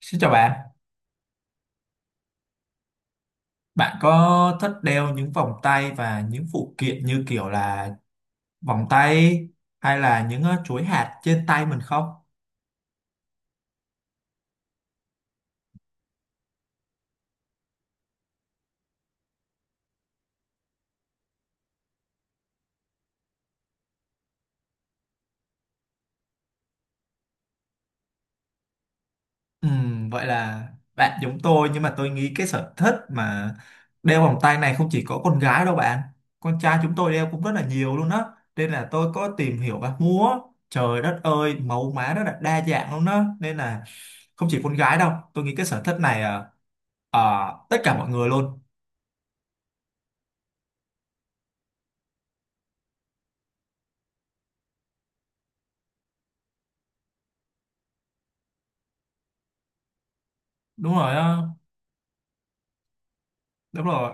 Xin chào bạn, bạn có thích đeo những vòng tay và những phụ kiện như kiểu là vòng tay hay là những chuỗi hạt trên tay mình không? Vậy là bạn giống tôi, nhưng mà tôi nghĩ cái sở thích mà đeo vòng tay này không chỉ có con gái đâu bạn, con trai chúng tôi đeo cũng rất là nhiều luôn á, nên là tôi có tìm hiểu và mua. Trời đất ơi, mẫu mã rất là đa dạng luôn á, nên là không chỉ con gái đâu, tôi nghĩ cái sở thích này ờ, tất cả mọi người luôn. Đúng rồi, á, đúng rồi.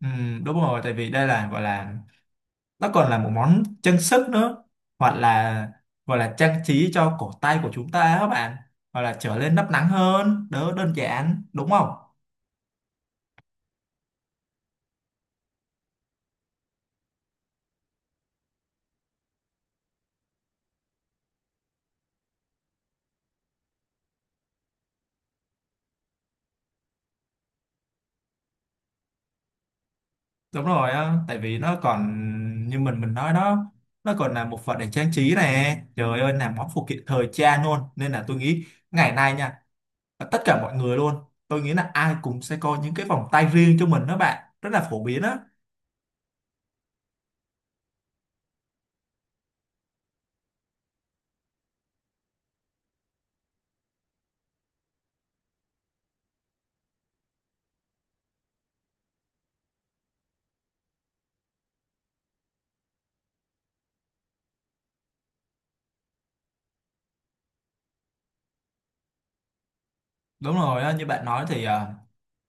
Ừ, đúng rồi, tại vì đây là gọi là nó còn là một món trang sức nữa, hoặc là gọi là trang trí cho cổ tay của chúng ta á các bạn, hoặc là trở nên nắp nắng hơn, đỡ đơn giản, đúng không? Đúng rồi, á, tại vì nó còn như mình nói đó, nó còn là một phần để trang trí này, trời ơi, là món phụ kiện thời trang luôn, nên là tôi nghĩ ngày nay nha, tất cả mọi người luôn, tôi nghĩ là ai cũng sẽ có những cái vòng tay riêng cho mình đó bạn, rất là phổ biến á. Đúng rồi á, như bạn nói thì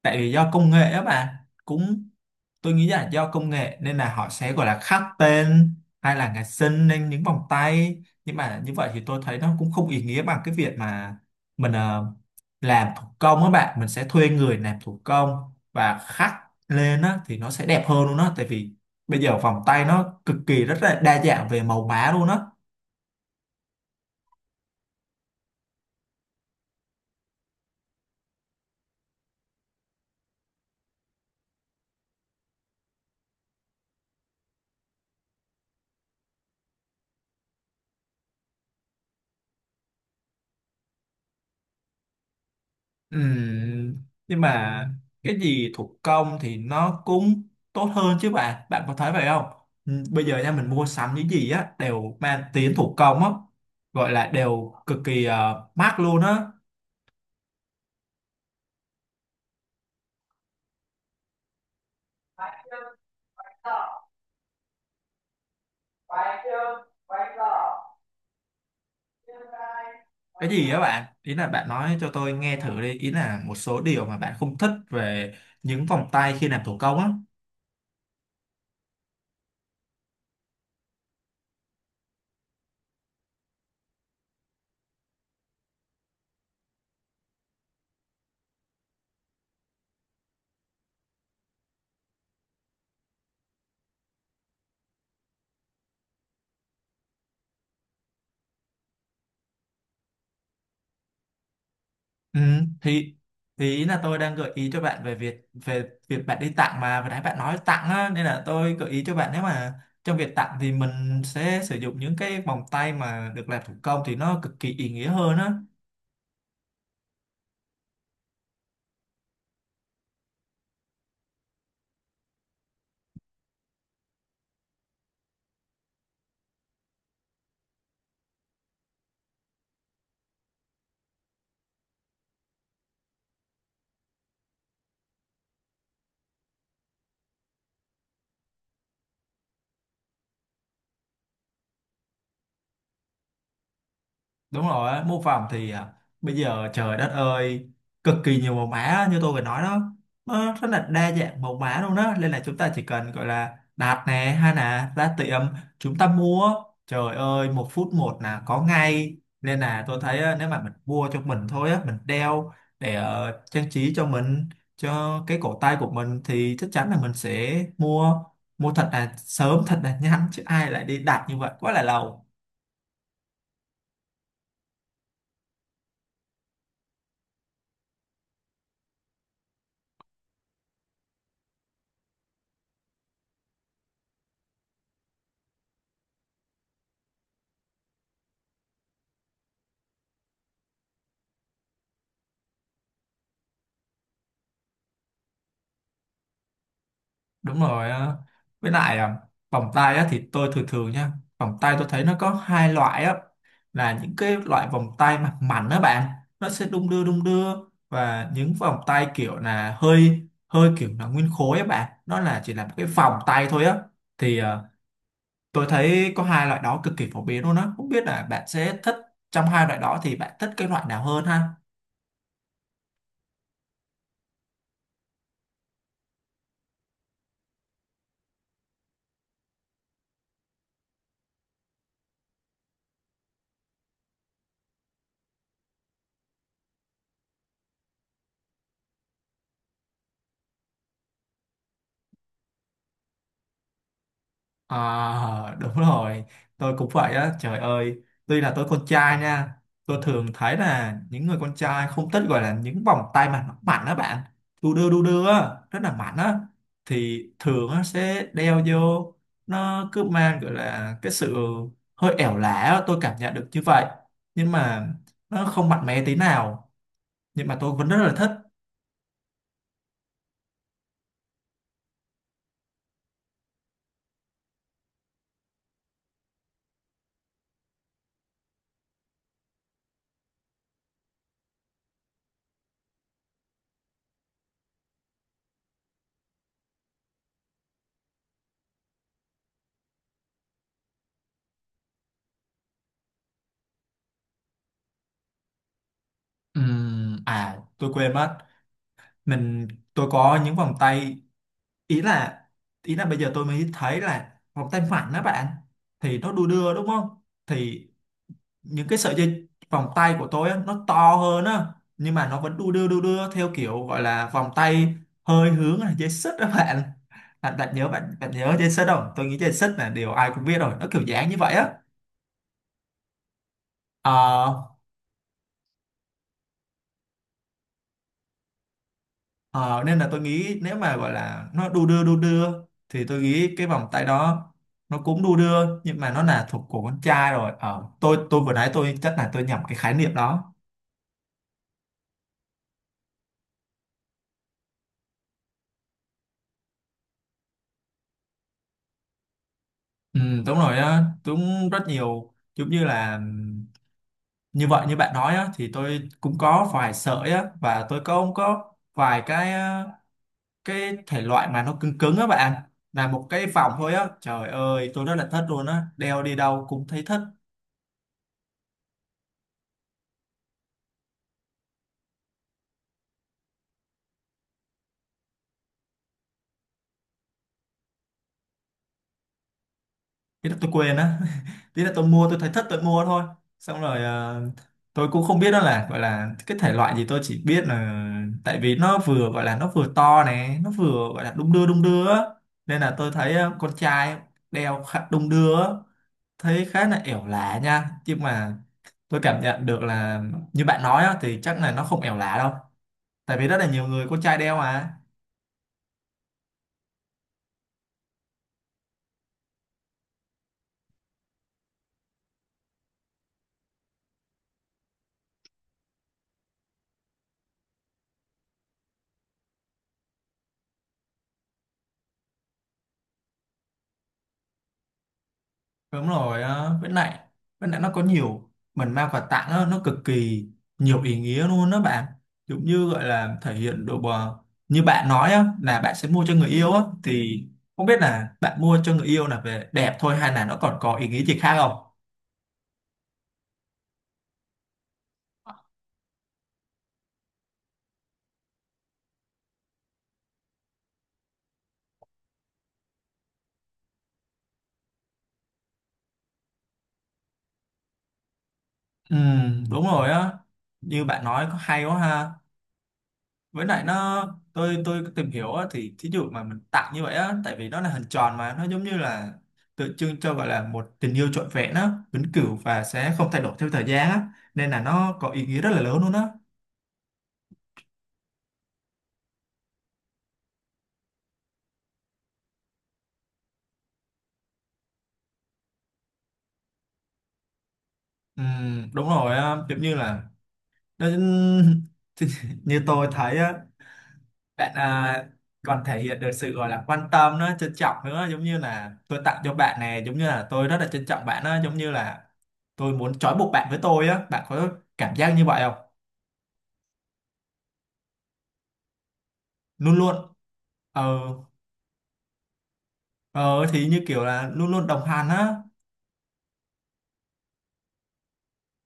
tại vì do công nghệ á bạn, cũng tôi nghĩ là do công nghệ nên là họ sẽ gọi là khắc tên hay là ngày sinh lên những vòng tay, nhưng mà như vậy thì tôi thấy nó cũng không ý nghĩa bằng cái việc mà mình làm thủ công á bạn, mình sẽ thuê người làm thủ công và khắc lên á thì nó sẽ đẹp hơn luôn á, tại vì bây giờ vòng tay nó cực kỳ rất là đa dạng về màu mã luôn á. Ừm, nhưng mà cái gì thủ công thì nó cũng tốt hơn chứ bạn bạn có thấy vậy không? Bây giờ nha, mình mua sắm những gì á đều mang tiếng thủ công á, gọi là đều cực kỳ mắc luôn á. Cái gì á bạn, ý là bạn nói cho tôi nghe thử đi, ý là một số điều mà bạn không thích về những vòng tay khi làm thủ công á. Ừ, thì thì ý là tôi đang gợi ý cho bạn về việc, về việc bạn đi tặng mà vừa nãy bạn nói tặng á, nên là tôi gợi ý cho bạn nếu mà trong việc tặng thì mình sẽ sử dụng những cái vòng tay mà được làm thủ công, thì nó cực kỳ ý nghĩa hơn á. Đúng rồi á, mô phỏng thì à, bây giờ trời đất ơi, cực kỳ nhiều màu mã như tôi vừa nói đó, nó rất là đa dạng màu mã luôn đó, nên là chúng ta chỉ cần gọi là đặt nè, hay là ra tiệm chúng ta mua, trời ơi, một phút một là có ngay, nên là tôi thấy á, nếu mà mình mua cho mình thôi á, mình đeo để trang trí cho mình, cho cái cổ tay của mình, thì chắc chắn là mình sẽ mua, mua thật là sớm, thật là nhanh, chứ ai lại đi đặt như vậy quá là lâu. Đúng rồi á. Với lại à, vòng tay á, thì tôi thường thường nha, vòng tay tôi thấy nó có hai loại á, là những cái loại vòng tay mặt mảnh đó bạn, nó sẽ đung đưa đung đưa, và những vòng tay kiểu là hơi hơi kiểu là nguyên khối á bạn, nó là chỉ là một cái vòng tay thôi á, thì à, tôi thấy có hai loại đó cực kỳ phổ biến luôn á, không biết là bạn sẽ thích trong hai loại đó thì bạn thích cái loại nào hơn ha? À đúng rồi. Tôi cũng vậy á, trời ơi, tuy là tôi con trai nha, tôi thường thấy là những người con trai không thích gọi là những vòng tay mà nó mạnh á bạn, đu đưa đu đưa á, rất là mạnh á, thì thường á sẽ đeo vô, nó cứ mang gọi là cái sự hơi ẻo lả á, tôi cảm nhận được như vậy. Nhưng mà nó không mạnh mẽ tí nào. Nhưng mà tôi vẫn rất là thích. À, tôi quên mất, Mình tôi có những vòng tay, ý là, ý là bây giờ tôi mới thấy là vòng tay phẳng đó bạn, thì nó đu đưa đúng không, thì những cái sợi dây vòng tay của tôi á, nó to hơn á, nhưng mà nó vẫn đu đưa theo kiểu gọi là vòng tay hơi hướng là dây xích đó bạn. Bạn, bạn nhớ dây xích không? Tôi nghĩ dây xích là điều ai cũng biết rồi, nó kiểu dáng như vậy á. Ờ, Ờ, Nên là tôi nghĩ nếu mà gọi là nó đu đưa đu đưa, thì tôi nghĩ cái vòng tay đó nó cũng đu đưa, nhưng mà nó là thuộc của con trai rồi, tôi vừa nãy tôi chắc là tôi nhầm cái khái niệm đó. Ừ, đúng rồi á, đúng, rất nhiều, giống như là như vậy, như bạn nói á, thì tôi cũng có vài sợi á, và tôi cũng có vài cái cái thể loại mà nó cứng cứng á bạn, là một cái vòng thôi á, trời ơi tôi rất là thất luôn á, đeo đi đâu cũng thấy thất. Thế là tôi quên á thế là tôi mua, tôi thấy thất tôi mua thôi, xong rồi tôi cũng không biết đó là gọi là cái thể loại gì, tôi chỉ biết là tại vì nó vừa gọi là nó vừa to này, nó vừa gọi là đung đưa á, nên là tôi thấy con trai đeo khá đung đưa á, thấy khá là ẻo lả nha, nhưng mà tôi cảm nhận được là như bạn nói á, thì chắc là nó không ẻo lả đâu, tại vì rất là nhiều người con trai đeo mà. Đúng rồi á, với lại, với lại nó có nhiều, mình mang quà tặng á, nó cực kỳ nhiều ý nghĩa luôn đó bạn, giống như gọi là thể hiện độ bờ, như bạn nói á, là bạn sẽ mua cho người yêu á, thì không biết là bạn mua cho người yêu là về đẹp thôi, hay là nó còn có ý nghĩa gì khác không? Ừ, đúng rồi á, như bạn nói có hay quá ha. Với lại nó, tôi tìm hiểu á, thì thí dụ mà mình tặng như vậy á, tại vì nó là hình tròn mà nó giống như là tượng trưng cho gọi là một tình yêu trọn vẹn á, vĩnh cửu và sẽ không thay đổi theo thời gian á, nên là nó có ý nghĩa rất là lớn luôn á. Đúng rồi á, giống như là nó- như tôi thấy á bạn à, còn thể hiện được sự gọi là quan tâm nữa, trân trọng nữa, giống như là tôi tặng cho bạn này, giống như là tôi rất là trân trọng bạn á, giống như là tôi muốn trói buộc bạn với tôi á, bạn có cảm giác như vậy không? Luôn luôn, ờ ờ thì như kiểu là luôn luôn đồng hành á.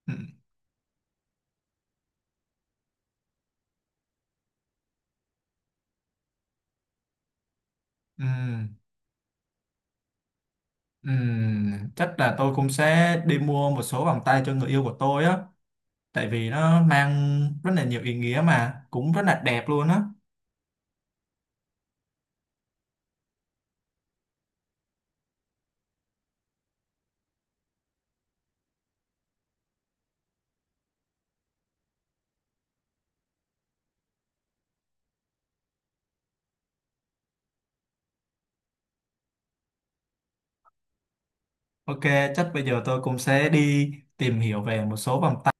Ừ, ừ, ừ. Chắc là tôi cũng sẽ đi mua một số vòng tay cho người yêu của tôi á, tại vì nó mang rất là nhiều ý nghĩa mà cũng rất là đẹp luôn á. Ok, chắc bây giờ tôi cũng sẽ đi tìm hiểu về một số vòng tay.